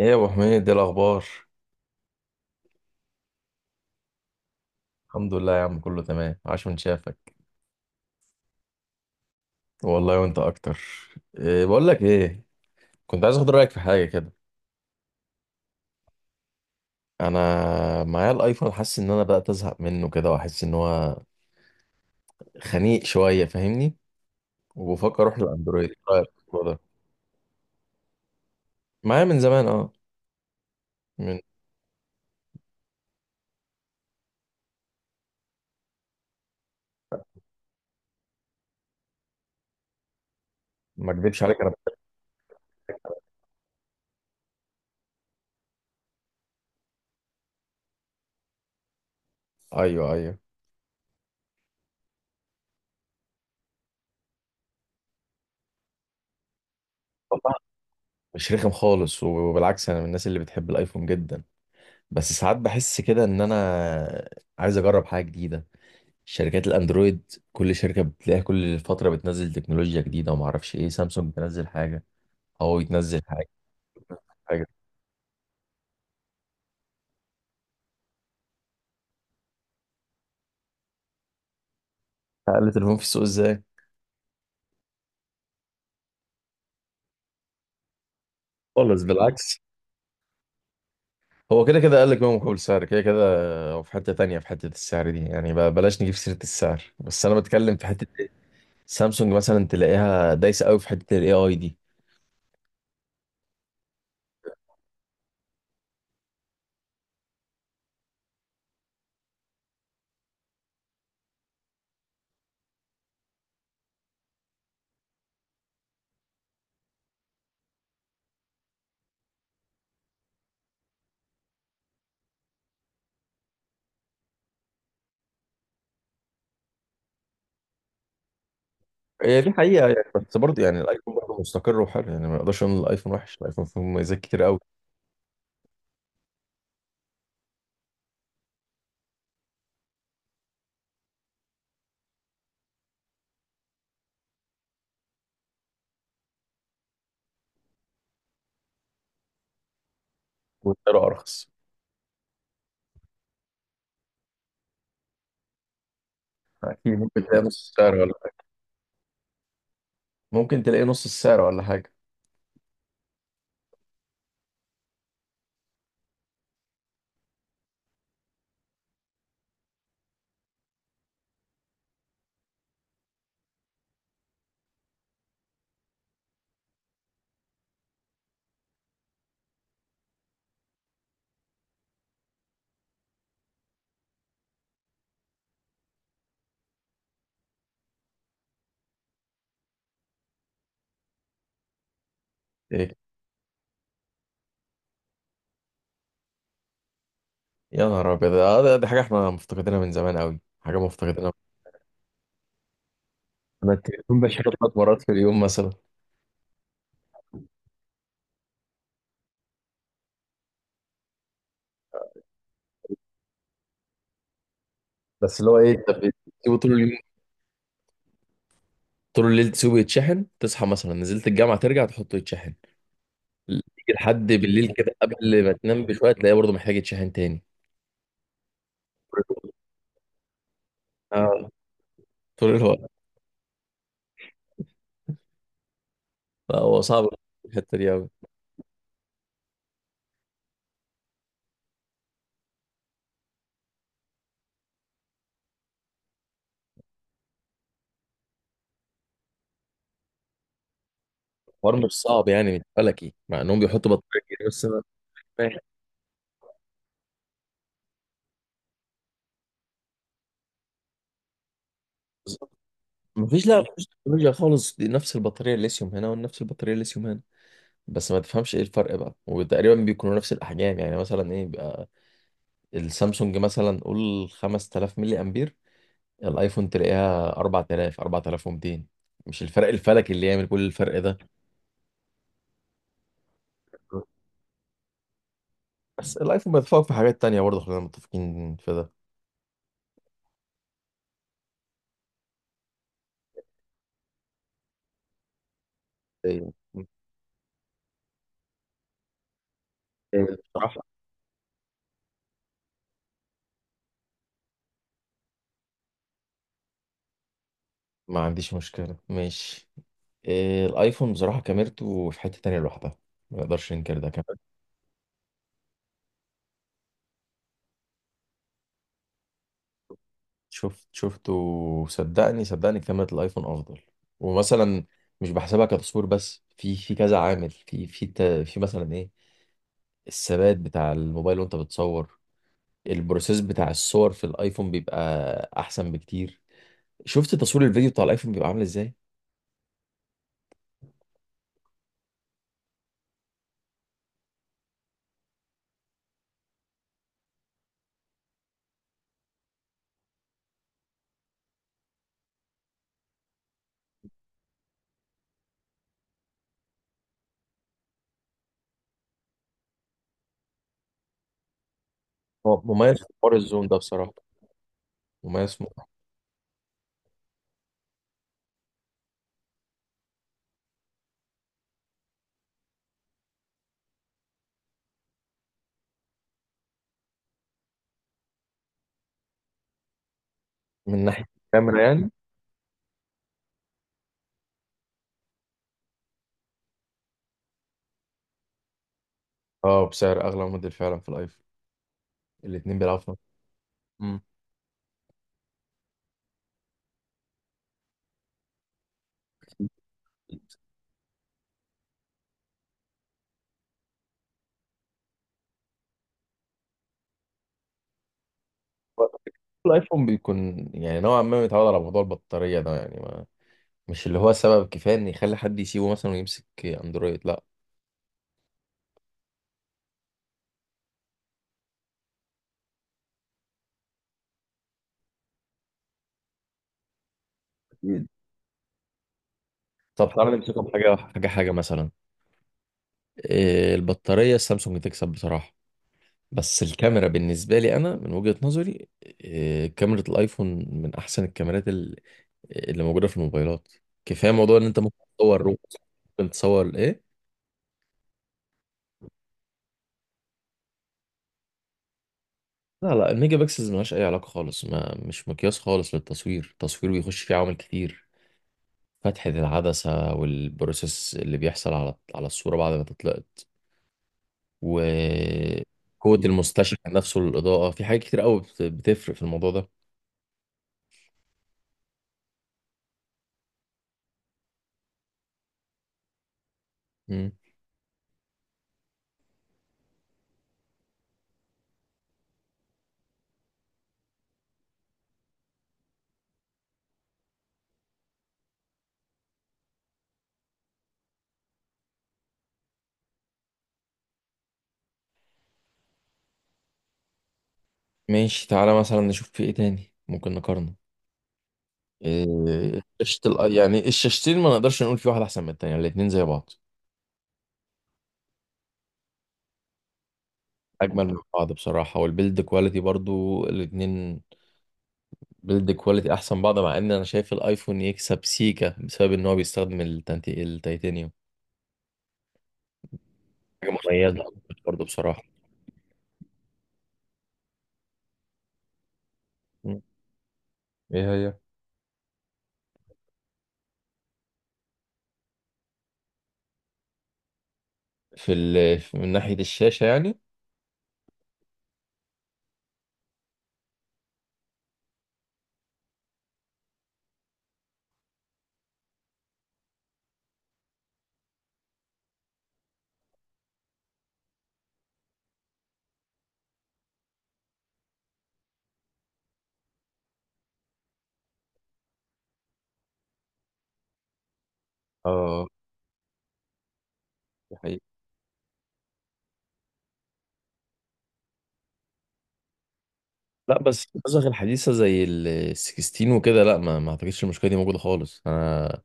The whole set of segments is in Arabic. ايه يا ابو حميد، ايه الاخبار؟ الحمد لله يا عم، كله تمام، عاش من شافك. والله وانت اكتر. إيه بقول لك ايه، كنت عايز اخد رايك في حاجه كده. انا معايا الايفون، حاسس ان انا بدات ازهق منه كده، واحس ان هو خنيق شويه، فاهمني؟ وبفكر اروح للاندرويد، إيه رايك في الموضوع ده؟ معايا من زمان اه. من ما اكدبش عليك انا. ايوه، ايوه. والله مش رخم خالص، وبالعكس انا من الناس اللي بتحب الايفون جدا، بس ساعات بحس كده ان انا عايز اجرب حاجه جديده. شركات الاندرويد كل شركه بتلاقيها كل فتره بتنزل تكنولوجيا جديده، وما اعرفش ايه، سامسونج تنزل حاجه، هواوي تنزل حاجه، حاجه. اقل تليفون في السوق ازاي؟ خالص، بالعكس. هو كده كده قال لك بقى مقابل سعر كده كده. هو في حته تانية، في حته السعر دي يعني بقى بلاش نجيب سيره السعر، بس انا بتكلم في حته إيه؟ سامسونج مثلا تلاقيها دايسه قوي في حته الاي اي دي. هي دي حقيقه يعني، بس برضه يعني الايفون برضه مستقر وحلو، يعني ما نقدرش نقول الايفون وحش، الايفون فيه مميزات كتير قوي. وسعره ارخص. اكيد ممكن تلاقي نص السعر ولا؟ ممكن تلاقي نص السعر ولا حاجة. إيه؟ يا نهار أبيض، آه، دي حاجة احنا مفتقدينها من زمان قوي، حاجة مفتقدينها. أنا التليفون بشحنه 3 مرات في اليوم مثلا. بس اللي هو إيه، أنت بتسيبه طول اليوم، طول الليل تسيبه يتشحن، تصحى مثلا نزلت الجامعة ترجع تحطه يتشحن، تيجي لحد بالليل كده قبل ما تنام بشوية تلاقيه برضه محتاج يتشحن تاني. اه، طول الوقت. لا، هو صعب. الحتة دي أوي. الحوار مش صعب يعني، مش فلكي، مع إنهم بيحطوا بطارية كتير بس أنا ماشي. مفيش، لا مفيش تكنولوجيا خالص، دي نفس البطارية الليثيوم هنا ونفس البطارية الليثيوم هنا. بس ما تفهمش ايه الفرق بقى، وتقريبا بيكونوا نفس الاحجام. يعني مثلا ايه بيبقى السامسونج، مثلا قول 5000 ملي امبير، الايفون تلاقيها 4000، 4200. مش الفرق الفلكي اللي يعمل كل الفرق ده. بس الايفون بيتفوق في حاجات تانية برضه، خلينا متفقين في ده. إيه، إيه، بصراحة. ما عنديش مشكلة، ماشي. إيه، الايفون بصراحة كاميرته في حتة تانية لوحدها، ما نقدرش ننكر ده. شفت، شفته. صدقني صدقني، كاميرا الايفون افضل. ومثلا مش بحسبها كتصوير، بس في كذا عامل، في مثلا ايه، الثبات بتاع الموبايل وانت بتصور، البروسيس بتاع الصور في الايفون بيبقى احسن بكتير. شفت تصوير الفيديو بتاع الايفون بيبقى عامل ازاي. هو مميز في حوار الزوم ده بصراحة. مميز من ناحية الكاميرا يعني. اه بسعر اغلى موديل فعلا في الايفون، الاتنين بيلعبوا في مم. نفس الوقت. الايفون بيكون يعني نوعا ما متعود على موضوع البطارية ده يعني، مش اللي هو سبب كفاية إن يخلي حد يسيبه مثلا ويمسك أندرويد. لا، أكيد. طب تعالى نمسكه بحاجة، حاجة حاجة مثلا. إيه البطارية، السامسونج تكسب بصراحة. بس الكاميرا بالنسبة لي أنا من وجهة نظري إيه، كاميرا الآيفون من أحسن الكاميرات اللي موجودة في الموبايلات. كفاية موضوع إن أنت ممكن تصور ممكن تصور إيه. لا لا، الميجا بكسلز ملهاش أي علاقة خالص، ما مش مقياس خالص للتصوير. التصوير بيخش فيه عوامل كتير، فتحة العدسة، والبروسيس اللي بيحصل على على الصورة بعد ما تطلع، وقوة المستشعر نفسه للإضاءة. في حاجات كتير قوي بتفرق في الموضوع ده. مم. ماشي تعالى مثلا نشوف في إيه تاني ممكن نقارنه. إيه، شاشة يعني الشاشتين ما نقدرش نقول في واحدة أحسن من التانية، الاتنين زي بعض. أجمل من بعض بصراحة. والبيلد كواليتي برضو الاتنين بيلد كواليتي أحسن بعض، مع إن أنا شايف الأيفون يكسب سيكا بسبب إن هو بيستخدم التيتانيوم. حاجة مميزة برضو بصراحة. مم. ايه هي؟ في من ناحية الشاشة يعني، اه. لا بس النسخ الحديثه زي ال 16 وكده، لا، ما اعتقدش المشكله دي موجوده خالص. انا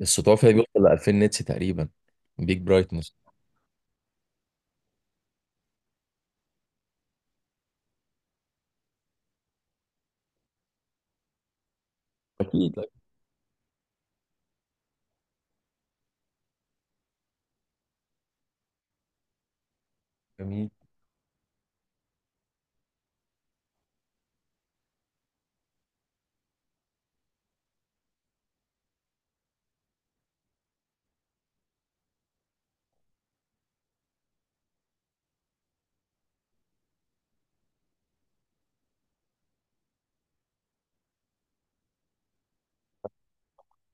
السطوع فيها بيوصل ل 2000 نيتس تقريبا. بيج برايتنس. اكيد، لا. جميل.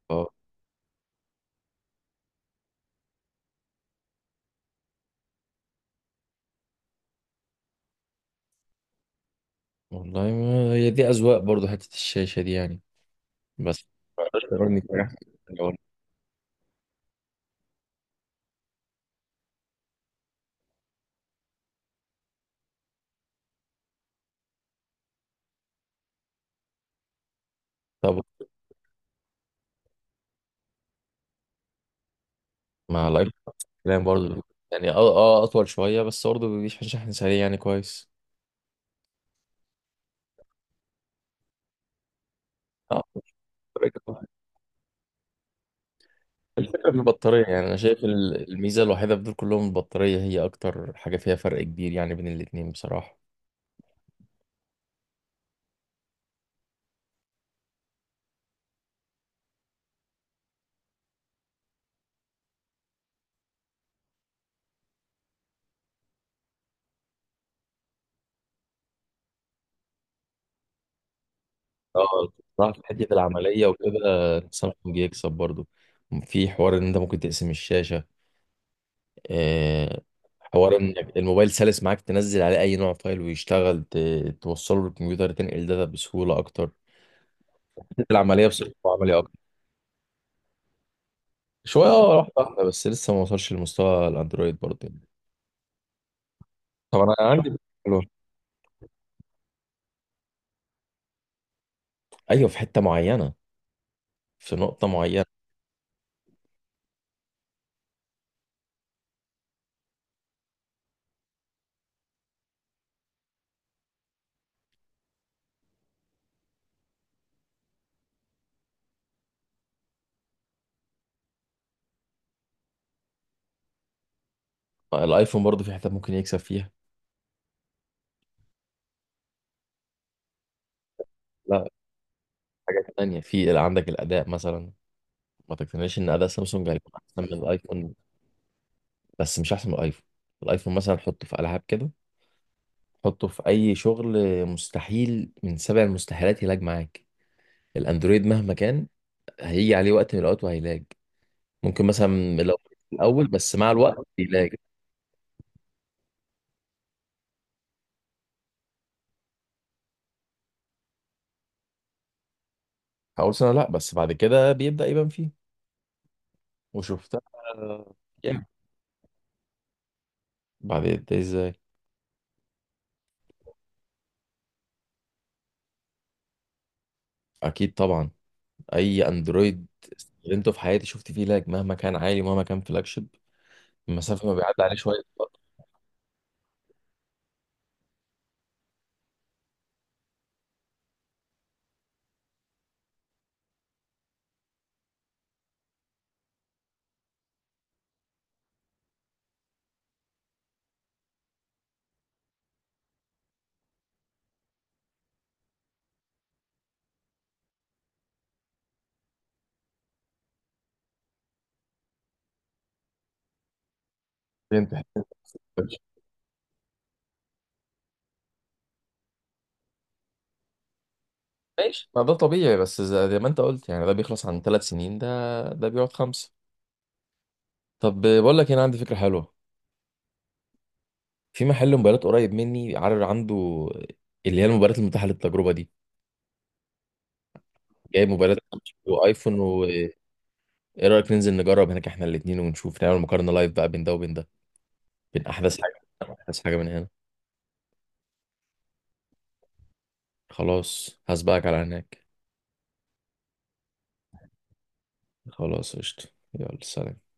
اه والله، ما هي دي اذواق برضو، حته الشاشه دي يعني. بس ما اقدرش اقارني في أي حاجة. طب مع الايفون، كلام برضو. يعني اه، اه اطول شويه بس برضو بيشحن شحن سريع، يعني كويس. اه، الفكره في البطاريه يعني، انا شايف الميزه الوحيده في دول كلهم البطاريه، هي اكتر حاجه فيها فرق كبير يعني بين الاتنين بصراحه. اه بصراحة، في حتة العملية وكده سامسونج يكسب برضو. في حوار ان انت ممكن تقسم الشاشة، آه، حوار ان الموبايل سلس معاك، تنزل عليه اي نوع فايل ويشتغل، توصله للكمبيوتر، تنقل داتا بسهولة اكتر. العملية بصراحة عملية اكتر شوية، اه، واحدة واحدة. بس لسه ما وصلش لمستوى الاندرويد برضو يعني. طب انا عندي حلوة. ايوه في حتة معينة، في نقطة معينة. الايفون برضو في حتة ممكن يكسب فيها. لا، تانية، في عندك الأداء مثلا. ما تقتنعش إن أداء سامسونج هيكون أحسن من الأيفون. بس مش احسن من الايفون. الايفون مثلا حطه في العاب كده، حطه في اي شغل، مستحيل من سبع المستحيلات يلاج معاك. الاندرويد مهما كان هيجي عليه وقت من الاوقات وهيلاج. ممكن مثلا لو في الاول، بس مع الوقت بيلاج. في اول سنه لا، بس بعد كده بيبدا يبان فيه، وشفتها. يعني بعد ده ازاي؟ اكيد طبعا، اي اندرويد استخدمته في حياتي شفت فيه لاج، مهما كان عالي، مهما كان فلاج شيب، المسافه ما بيعدي عليه. شويه. ماشي، ما ده طبيعي، بس زي ما انت قلت يعني، ده بيخلص عن 3 سنين، ده بيقعد خمسة. طب بقول لك، هنا عندي فكرة حلوة. في محل موبايلات قريب مني، عارف عنده اللي هي الموبايلات المتاحة للتجربة دي، جايب موبايلات وايفون وايه. رأيك ننزل نجرب هناك احنا الاتنين ونشوف، نعمل مقارنة لايف بقى بين ده وبين ده، بين احدث حاجة، احدث حاجة من هنا. خلاص هسبقك على هناك. خلاص قشطة. يلا سلام.